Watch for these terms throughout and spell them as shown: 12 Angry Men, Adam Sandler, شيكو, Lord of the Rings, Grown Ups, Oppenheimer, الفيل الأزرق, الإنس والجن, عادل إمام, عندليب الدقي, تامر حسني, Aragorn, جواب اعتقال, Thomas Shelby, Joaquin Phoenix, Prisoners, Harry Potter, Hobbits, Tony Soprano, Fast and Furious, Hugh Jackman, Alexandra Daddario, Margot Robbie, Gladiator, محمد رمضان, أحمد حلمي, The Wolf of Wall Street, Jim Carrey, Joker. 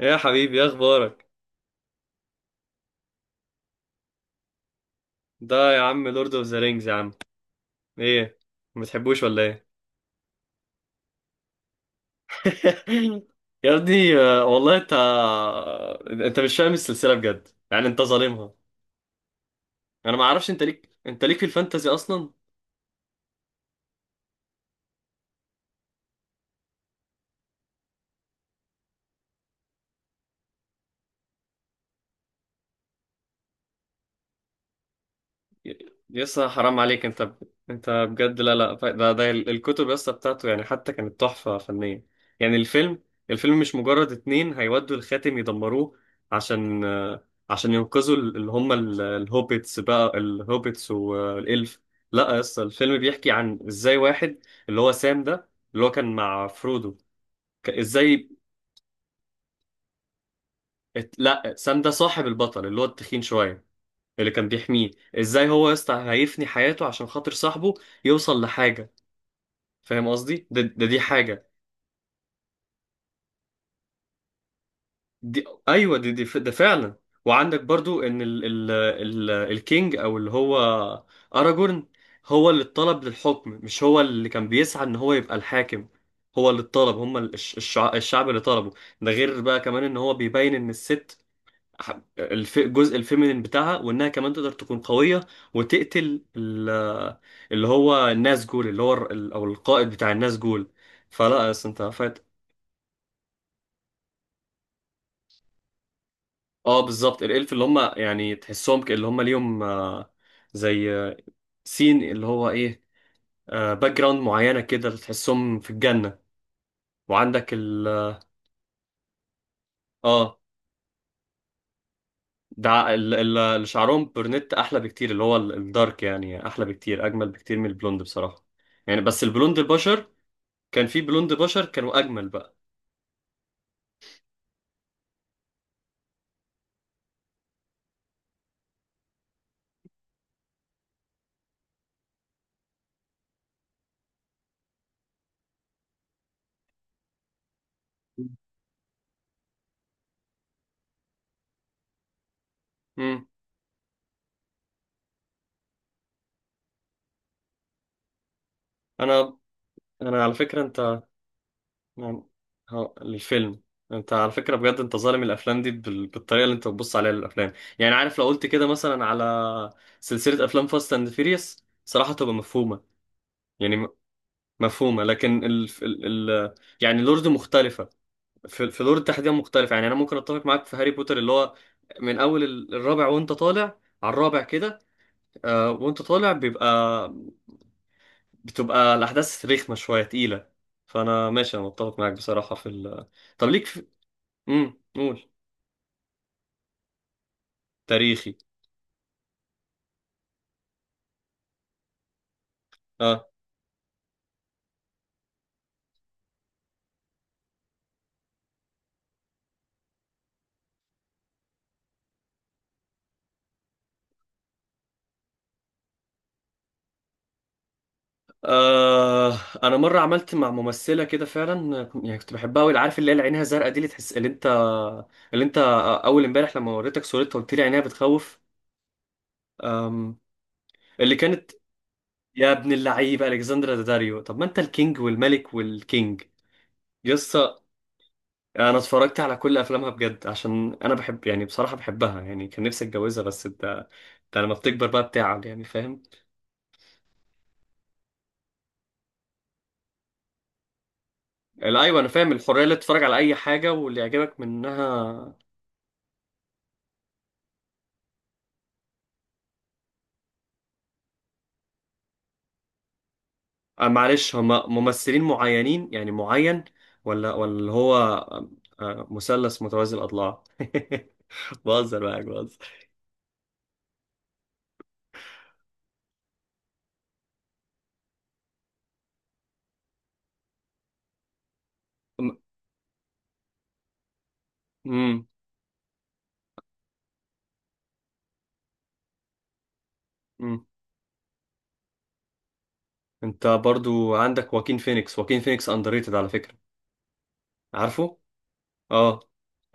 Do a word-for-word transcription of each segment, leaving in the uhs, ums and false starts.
ايه يا حبيبي؟ ايه اخبارك؟ ده يا عم لورد اوف ذا رينجز يا عم. ايه، ما بتحبوش ولا ايه؟ يا ابني آه، والله انت، انت مش فاهم السلسله بجد، يعني انت ظالمها. انا ما اعرفش، انت ليك، انت ليك في الفانتازي اصلا. يا اسطى حرام عليك، انت ب... انت بجد. لا لا ف- ده ده ال- الكتب يا اسطى بتاعته يعني حتى كانت تحفة فنية. يعني الفيلم، الفيلم مش مجرد اتنين هيودوا الخاتم يدمروه عشان آه، عشان ينقذوا ال- اللي هم ال- الهوبيتس بقى، الهوبيتس والإلف. لا يا اسطى، الفيلم بيحكي عن ازاي واحد، اللي هو سام ده، اللي هو كان مع فرودو. ك- ازاي ات- لا، سام ده صاحب البطل اللي هو التخين شوية، اللي كان بيحميه. ازاي هو يا اسطى هيفني حياته عشان خاطر صاحبه يوصل لحاجه. فاهم قصدي؟ ده, ده دي حاجه. دي ايوه، دي, دي ف- ده فعلا. وعندك برضو ان ال ال ال الكينج او اللي هو اراجورن، هو اللي اتطلب للحكم، مش هو اللي كان بيسعى ان هو يبقى الحاكم. هو اللي اتطلب، هم الشعب, الشعب اللي طلبه. ده غير بقى كمان ان هو بيبين ان الست، ح- الف... الجزء الفيمينين بتاعها، وانها كمان تقدر تكون قوية وتقتل ال... اللي هو الناس جول، اللي هو ال... او القائد بتاع الناس جول. فلا بس انت فات. اه بالظبط، الالف اللي هم يعني تحسهم ك... اللي هم ليهم آه، زي آه، سين اللي هو ايه، باك جراوند معينة كده اللي تحسهم في الجنة. وعندك ال... اه ده ال- ال- اللي شعرهم برنت احلى بكتير، اللي هو ال- الدارك يعني احلى بكتير، اجمل بكتير من البلوند بصراحة. يعني بس البلوند البشر، كان في بلوند بشر كانوا اجمل بقى. امم انا، انا على فكره انت يعني- ها الفيلم، انت على فكره بجد انت ظالم الافلام دي بال... بالطريقه اللي انت بتبص عليها للافلام. يعني عارف لو قلت كده مثلا على سلسله افلام فاست اند فيريوس، صراحه تبقى مفهومه. يعني م- مفهومه، لكن ال... ال... ال... يعني لورد مختلفه. في, في لورد تحديدا مختلفه، يعني انا ممكن اتفق معاك في هاري بوتر، اللي هو من اول ال- الرابع وانت طالع. على الرابع كده آه وانت طالع بيبقى، بتبقى الأحداث رخمة شوية، تقيلة. فأنا ماشي، أنا متفق معاك بصراحة في ال... طب ليك في... مم. قول. تاريخي. آه. آه، أنا مرة عملت مع ممثلة كده فعلا، كنت- يعني كنت بحبها أوي، عارف اللي هي اللي عينها زرقاء دي اللي تحس اللي أنت، اللي أنت آه، أول إمبارح لما وريتك صورتها قلت لي عينيها بتخوف. آم. اللي كانت، يا ابن اللعيبة ألكسندرا داداريو، طب ما أنت الكينج والملك والكينج. يس، انا اتفرجت على كل افلامها بجد، عشان انا بحب يعني بصراحه بحبها يعني، كان نفسي اتجوزها. بس انت، انت لما بتكبر بقى بتعب، يعني فاهم. لا، ايوه، انا فاهم، الحريه اللي تتفرج على اي حاجه واللي يعجبك منها. آه، معلش، هما ممثلين معينين يعني معين، ولا ولا اللي هو آه، آه، مثلث متوازي الاضلاع بهزر معاك، بهزر. امم انت برضو عندك واكين فينيكس، واكين فينيكس اندريتد على فكره. عارفه؟ اه،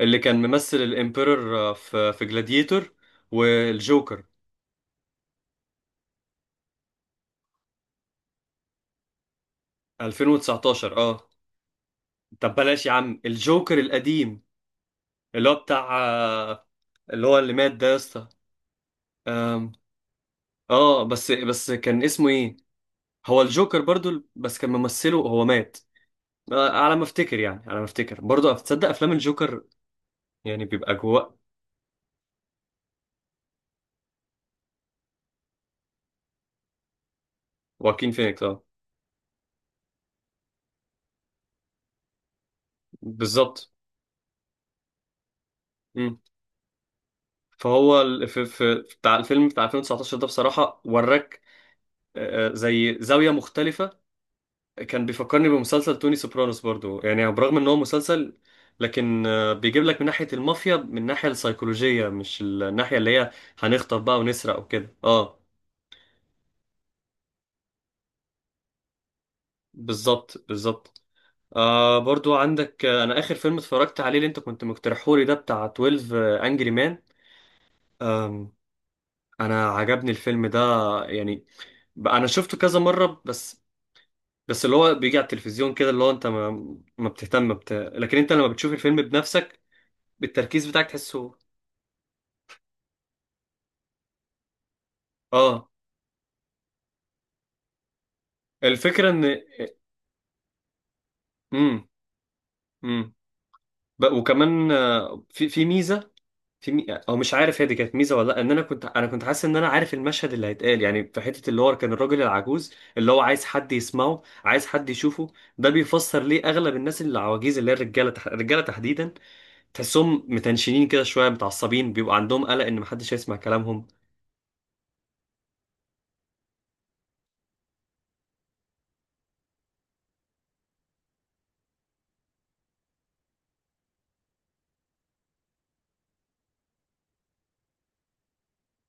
اللي كان ممثل الامبيرور آه، في في جلاديتور، والجوكر ألفين وتسعتاشر. اه طب بلاش يا عم الجوكر القديم، اللي هو بتاع آه، اللي هو اللي مات ده يا اسطى. آم. اه، بس بس كان اسمه ايه؟ هو الجوكر برضو، بس كان ممثله هو مات، آه، على ما افتكر يعني، على ما افتكر برضو، تصدق افلام الجوكر يعني بيبقى جواء. واكين فينيكس اه، بالظبط. مم. فهو ال- في في في بتاع الفيلم بتاع ألفين وتسعتاشر ده بصراحة وراك، آه، زي زاوية مختلفة. كان بيفكرني بمسلسل توني سوبرانوس برضو، يعني برغم ان هو مسلسل لكن آه، بيجيب لك من ناحية المافيا، من الناحية السيكولوجية، مش الناحية اللي هي هنخطف بقى ونسرق وكده اه. بالظبط بالظبط. آه برضو عندك، آه، انا اخر فيلم اتفرجت عليه اللي انت كنت مقترحهولي ده بتاع اتناشر انجري مان. أم. انا عجبني الفيلم ده، يعني بقى انا شفته كذا مرة. بس، بس اللي هو بيجي على التلفزيون كده اللي هو انت ما ما بتهتم بت... لكن انت لما بتشوف الفيلم بنفسك بالتركيز بتاعك تحسه. اه الفكرة ان امم امم ب... وكمان آه، في في ميزة، في مي... او مش عارف هي دي كانت ميزة ولا لا، ان انا كنت انا كنت حاسس ان انا عارف المشهد اللي هيتقال. يعني في حتة اللي هو كان الراجل العجوز اللي هو عايز حد يسمعه، عايز حد يشوفه، ده بيفسر ليه اغلب الناس اللي العواجيز اللي هي الرجالة تح... الرجالة تحديدا، تحسهم متنشنين كده شوية، متعصبين، بيبقى عندهم قلق ان محدش هيسمع كلامهم.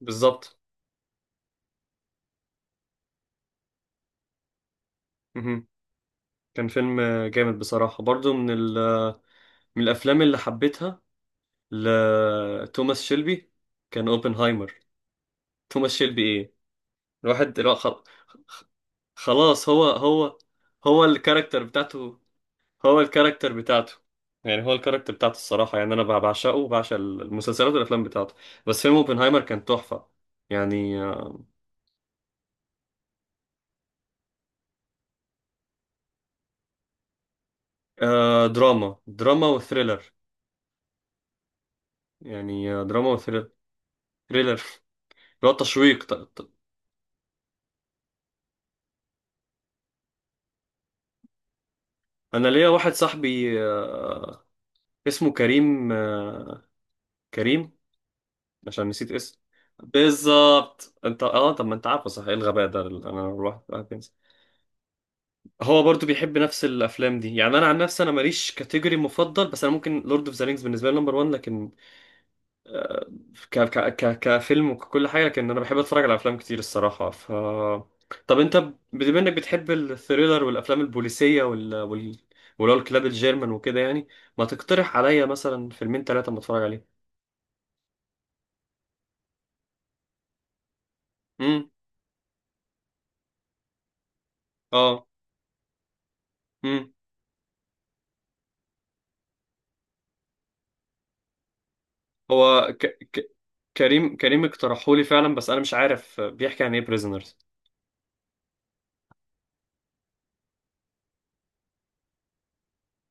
بالظبط. مهم. كان فيلم جامد بصراحة، برضو من ال... من الأفلام اللي حبيتها لتوماس شيلبي، كان أوبنهايمر. توماس شيلبي إيه، الواحد الوا- خل- خلاص، هو هو، هو الكاركتر بتاعته، هو الكاركتر بتاعته، يعني هو الكاركتر بتاعته الصراحة، يعني أنا بعشقه وبعشق المسلسلات والأفلام بتاعته. بس فيلم أوبنهايمر كان تحفة يعني آه. آه، دراما، دراما وثريلر. يعني آه، دراما وثريلر، ثريلر اللي هو تشويق ت- ت- أنا ليا واحد صاحبي آه، اسمه كريم، آه، كريم. عشان نسيت اسم، بالظبط انت اه. طب ما انت عارفه، صح؟ ايه الغباء ده اللي انا، الواحد الواحد بينسى. هو برضو بيحب نفس الافلام دي، يعني انا عن نفسي انا ماليش كاتيجوري مفضل، بس انا ممكن لورد اوف ذا رينجز بالنسبه لي نمبر واحد، لكن آه، ك ك ك كفيلم وكل حاجه. لكن انا بحب اتفرج على افلام كتير الصراحه. ف طب انت ب- بما انك بتحب الثريلر والافلام البوليسيه وال وال ولو الكلاب الجيرمان وكده يعني، ما تقترح عليا مثلا فيلمين ثلاثه ما اتفرج عليهم. امم اه. مم. هو ك... ك... كريم كريم اقترحه لي فعلا، بس انا مش عارف بيحكي عن ايه بريزنرز.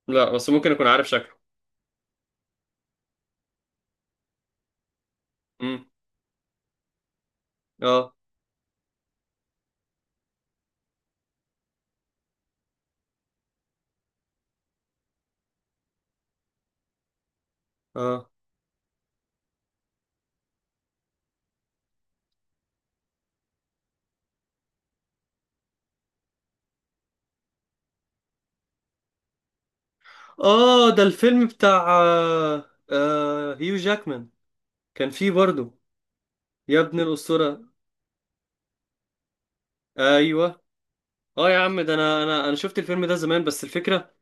لا بس ممكن اكون عارف شكله. امم. اه اه اه ده الفيلم بتاع آه آه هيو جاكمان، كان فيه برضه. يا ابن الأسطورة. ايوه. اه يا عم ده انا، انا انا شفت الفيلم ده زمان. بس الفكرة،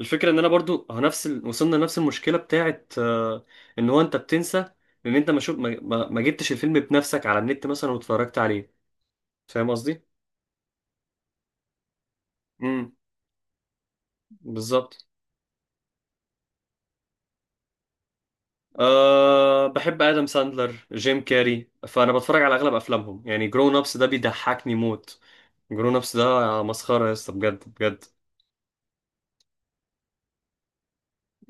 الفكرة ان انا برضه اه نفس ال... وصلنا لنفس المشكلة بتاعت آه، ان هو انت بتنسى ان انت ما شوف ما... ما... ما جبتش الفيلم بنفسك على النت مثلا واتفرجت عليه. فاهم قصدي؟ بالظبط. أه بحب آدم ساندلر، جيم كاري، فأنا بتفرج على أغلب أفلامهم. يعني جرون أبس ده بيضحكني موت، جرون أبس ده مسخرة يا اسطى بجد، بجد.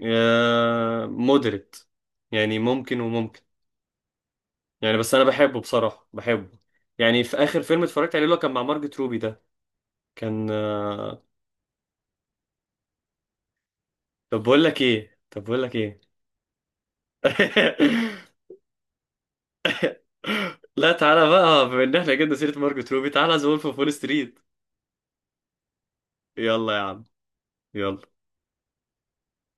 أه، مودريت، يعني ممكن وممكن، يعني بس أنا بحبه بصراحة، بحبه. يعني في آخر فيلم اتفرجت عليه اللي هو كان مع مارجت روبي ده، كان أه. طب بقول لك إيه طب بقول لك إيه؟ لا تعالى بقى، بما إن إحنا جبنا سيرة مارجت روبي، تعالى ذا وولف أوف وول ستريت. يلا يا عم، يلا.